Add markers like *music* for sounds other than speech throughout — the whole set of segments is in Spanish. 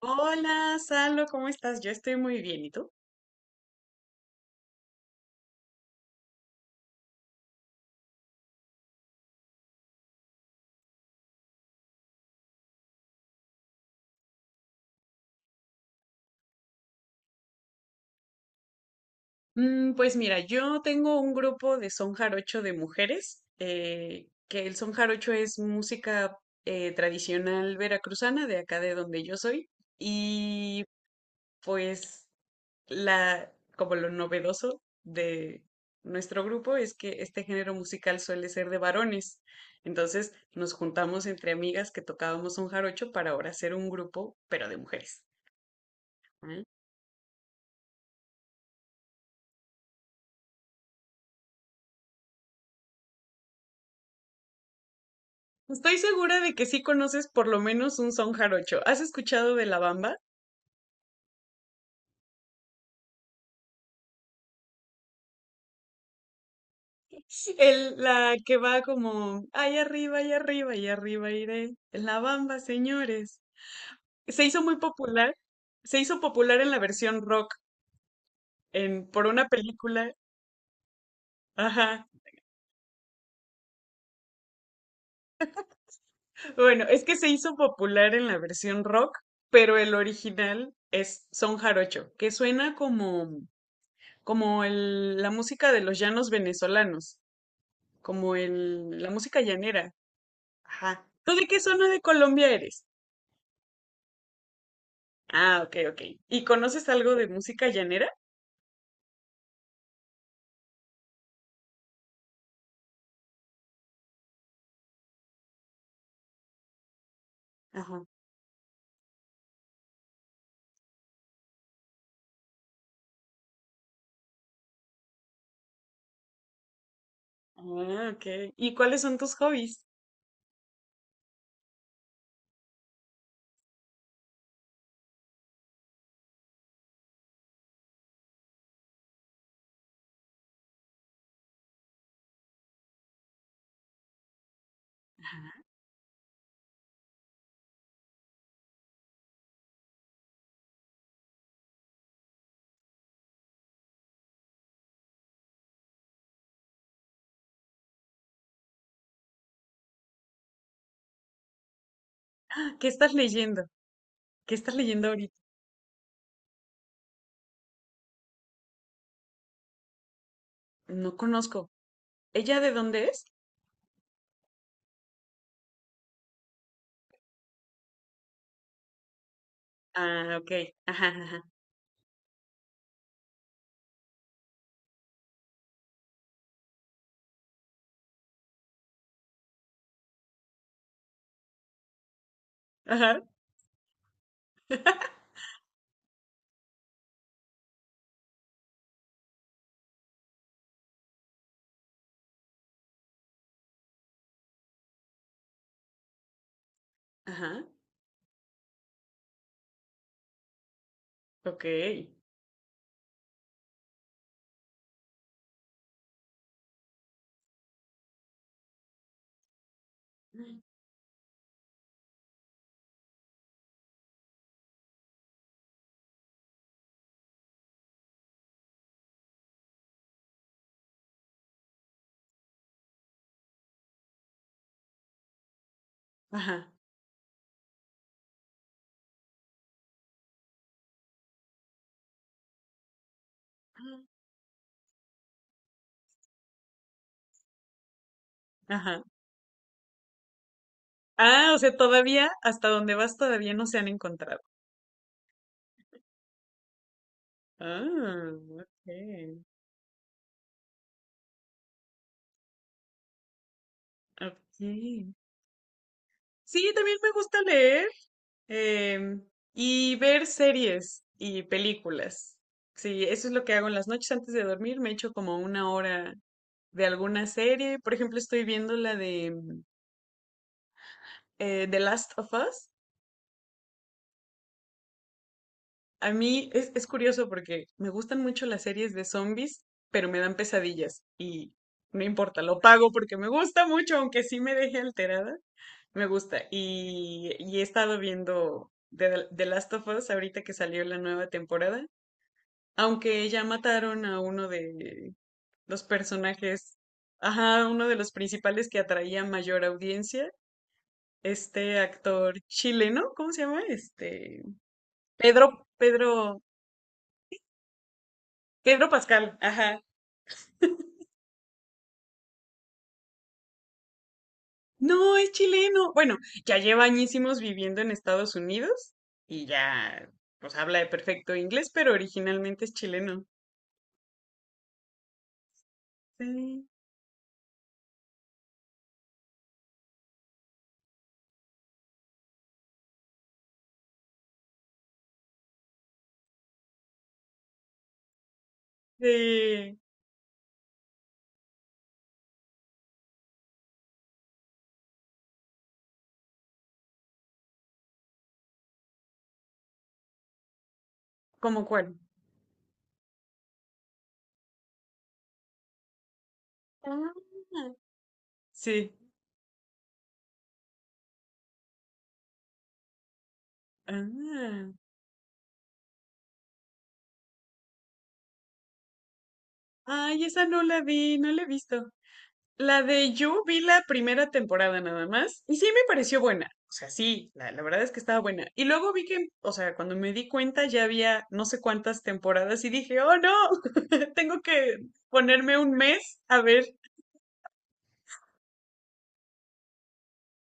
Hola, Salo, ¿cómo estás? Yo estoy muy bien, ¿y tú? Pues mira, yo tengo un grupo de son jarocho de mujeres, que el son jarocho es música tradicional veracruzana de acá de donde yo soy, y pues la, como lo novedoso de nuestro grupo es que este género musical suele ser de varones, entonces nos juntamos entre amigas que tocábamos son jarocho para ahora hacer un grupo, pero de mujeres. Estoy segura de que sí conoces por lo menos un son jarocho. ¿Has escuchado de la bamba? La que va como, ay arriba, y arriba iré. La bamba, señores. Se hizo muy popular. Se hizo popular en la versión rock, por una película. Ajá. Bueno, es que se hizo popular en la versión rock, pero el original es son jarocho, que suena como, la música de los llanos venezolanos, la música llanera. Ajá. ¿Tú de qué zona de Colombia eres? Ah, ok, ok. ¿Y conoces algo de música llanera? Ajá. Ah, ok. ¿Y cuáles son tus hobbies? Ah, ¿qué estás leyendo? ¿Qué estás leyendo ahorita? No conozco. ¿Ella de dónde es? Ah, ok. Ajá, ajá. Ajá. Ajá. Ok. Ajá. Ajá. Ah, o sea, todavía, hasta donde vas, todavía no se han encontrado. Ah, ok. Ok. Sí, también me gusta leer. Em, y ver series y películas. Sí, eso es lo que hago en las noches antes de dormir. Me echo como una hora de alguna serie. Por ejemplo, estoy viendo la de The Last of Us. A mí es curioso porque me gustan mucho las series de zombies, pero me dan pesadillas y no importa, lo pago porque me gusta mucho, aunque sí me deje alterada. Me gusta. Y he estado viendo The Last of Us ahorita que salió la nueva temporada. Aunque ya mataron a uno de los personajes, ajá, uno de los principales que atraía mayor audiencia, este actor chileno, ¿cómo se llama? Pedro, Pedro Pascal, ajá. No, es chileno. Bueno, ya lleva añísimos viviendo en Estados Unidos y ya, pues habla de perfecto inglés, pero originalmente es chileno. Sí, de, ¿cómo cuál? Ah, sí. Ah. Ay, esa no la vi, no la he visto. La de You vi la primera temporada nada más y sí me pareció buena. O sea, sí, la verdad es que estaba buena. Y luego vi que, o sea, cuando me di cuenta ya había no sé cuántas temporadas y dije, oh no, *laughs* tengo que ponerme un mes a ver.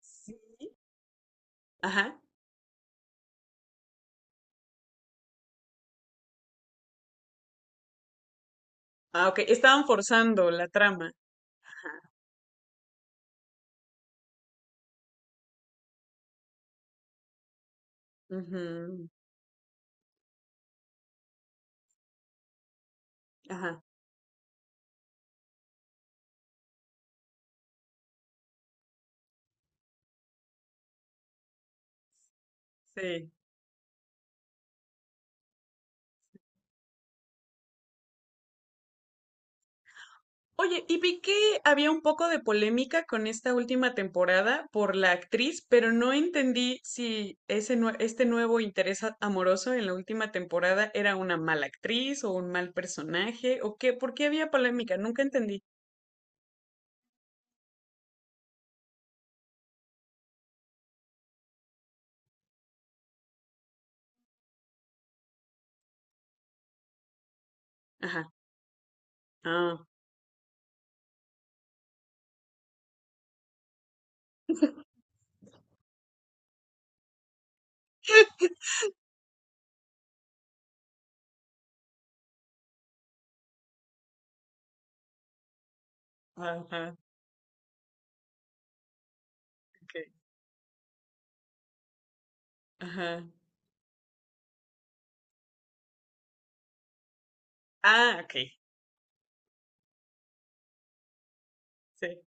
Sí. Ajá. Ah, ok. Estaban forzando la trama. Ajá, ujú, ajá. Sí. Oye, y vi que había un poco de polémica con esta última temporada por la actriz, pero no entendí si este nuevo amoroso en la última temporada era una mala actriz o un mal personaje o qué, ¿por qué había polémica? Nunca entendí. Ajá. Ah, ajá, ok. Ajá. Ah, ok. Sí.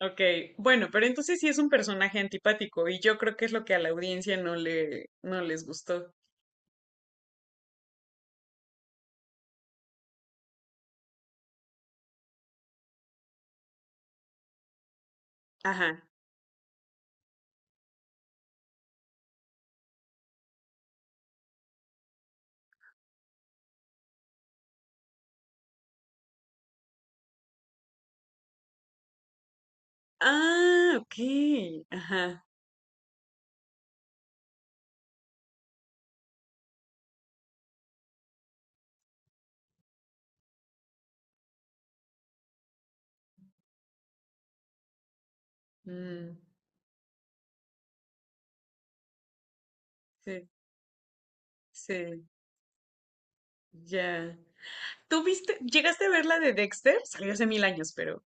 Ok. Bueno, pero entonces sí es un personaje antipático y yo creo que es lo que a la audiencia no les gustó. Ajá. Ah, ok. Ajá. Mm, sí, sí, ya. ¿Tú viste, llegaste a ver la de Dexter? Salió hace mil años, pero.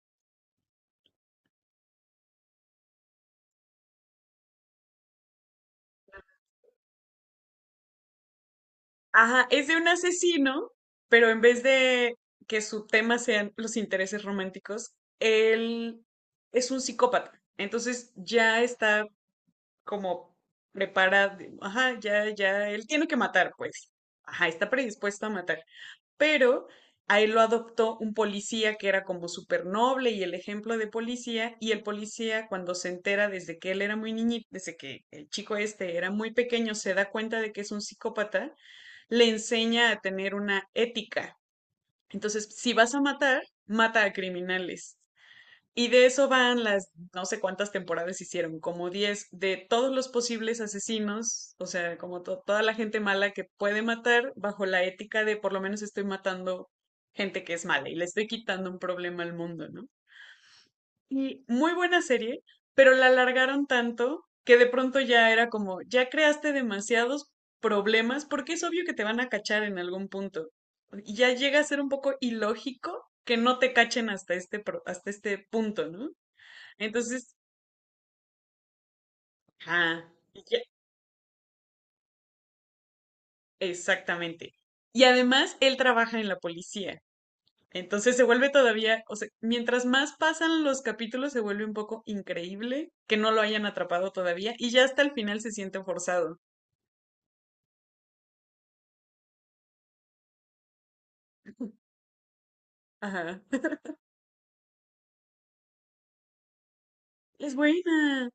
Ajá, es de un asesino, pero en vez de que su tema sean los intereses románticos, él es un psicópata. Entonces ya está como preparado. Ajá, ya, ya, él tiene que matar, pues. Ajá, está predispuesto a matar. Pero a él lo adoptó un policía que era como súper noble y el ejemplo de policía, y el policía cuando se entera desde que él era muy niñito, desde que el chico este era muy pequeño, se da cuenta de que es un psicópata, le enseña a tener una ética. Entonces, si vas a matar, mata a criminales. Y de eso van no sé cuántas temporadas hicieron, como 10 de todos los posibles asesinos, o sea, toda la gente mala que puede matar bajo la ética de por lo menos estoy matando gente que es mala y le estoy quitando un problema al mundo, ¿no? Y muy buena serie, pero la alargaron tanto que de pronto ya era como, ya creaste demasiados problemas porque es obvio que te van a cachar en algún punto. Y ya llega a ser un poco ilógico que no te cachen hasta hasta este punto, ¿no? Entonces, ajá, y ya- exactamente. Y además, él trabaja en la policía. Entonces se vuelve todavía, o sea, mientras más pasan los capítulos, se vuelve un poco increíble que no lo hayan atrapado todavía y ya hasta el final se siente forzado. Ajá. *laughs* Es buena.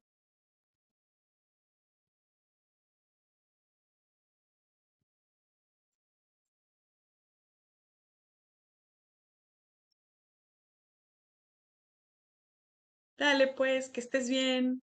Dale, pues, que estés bien.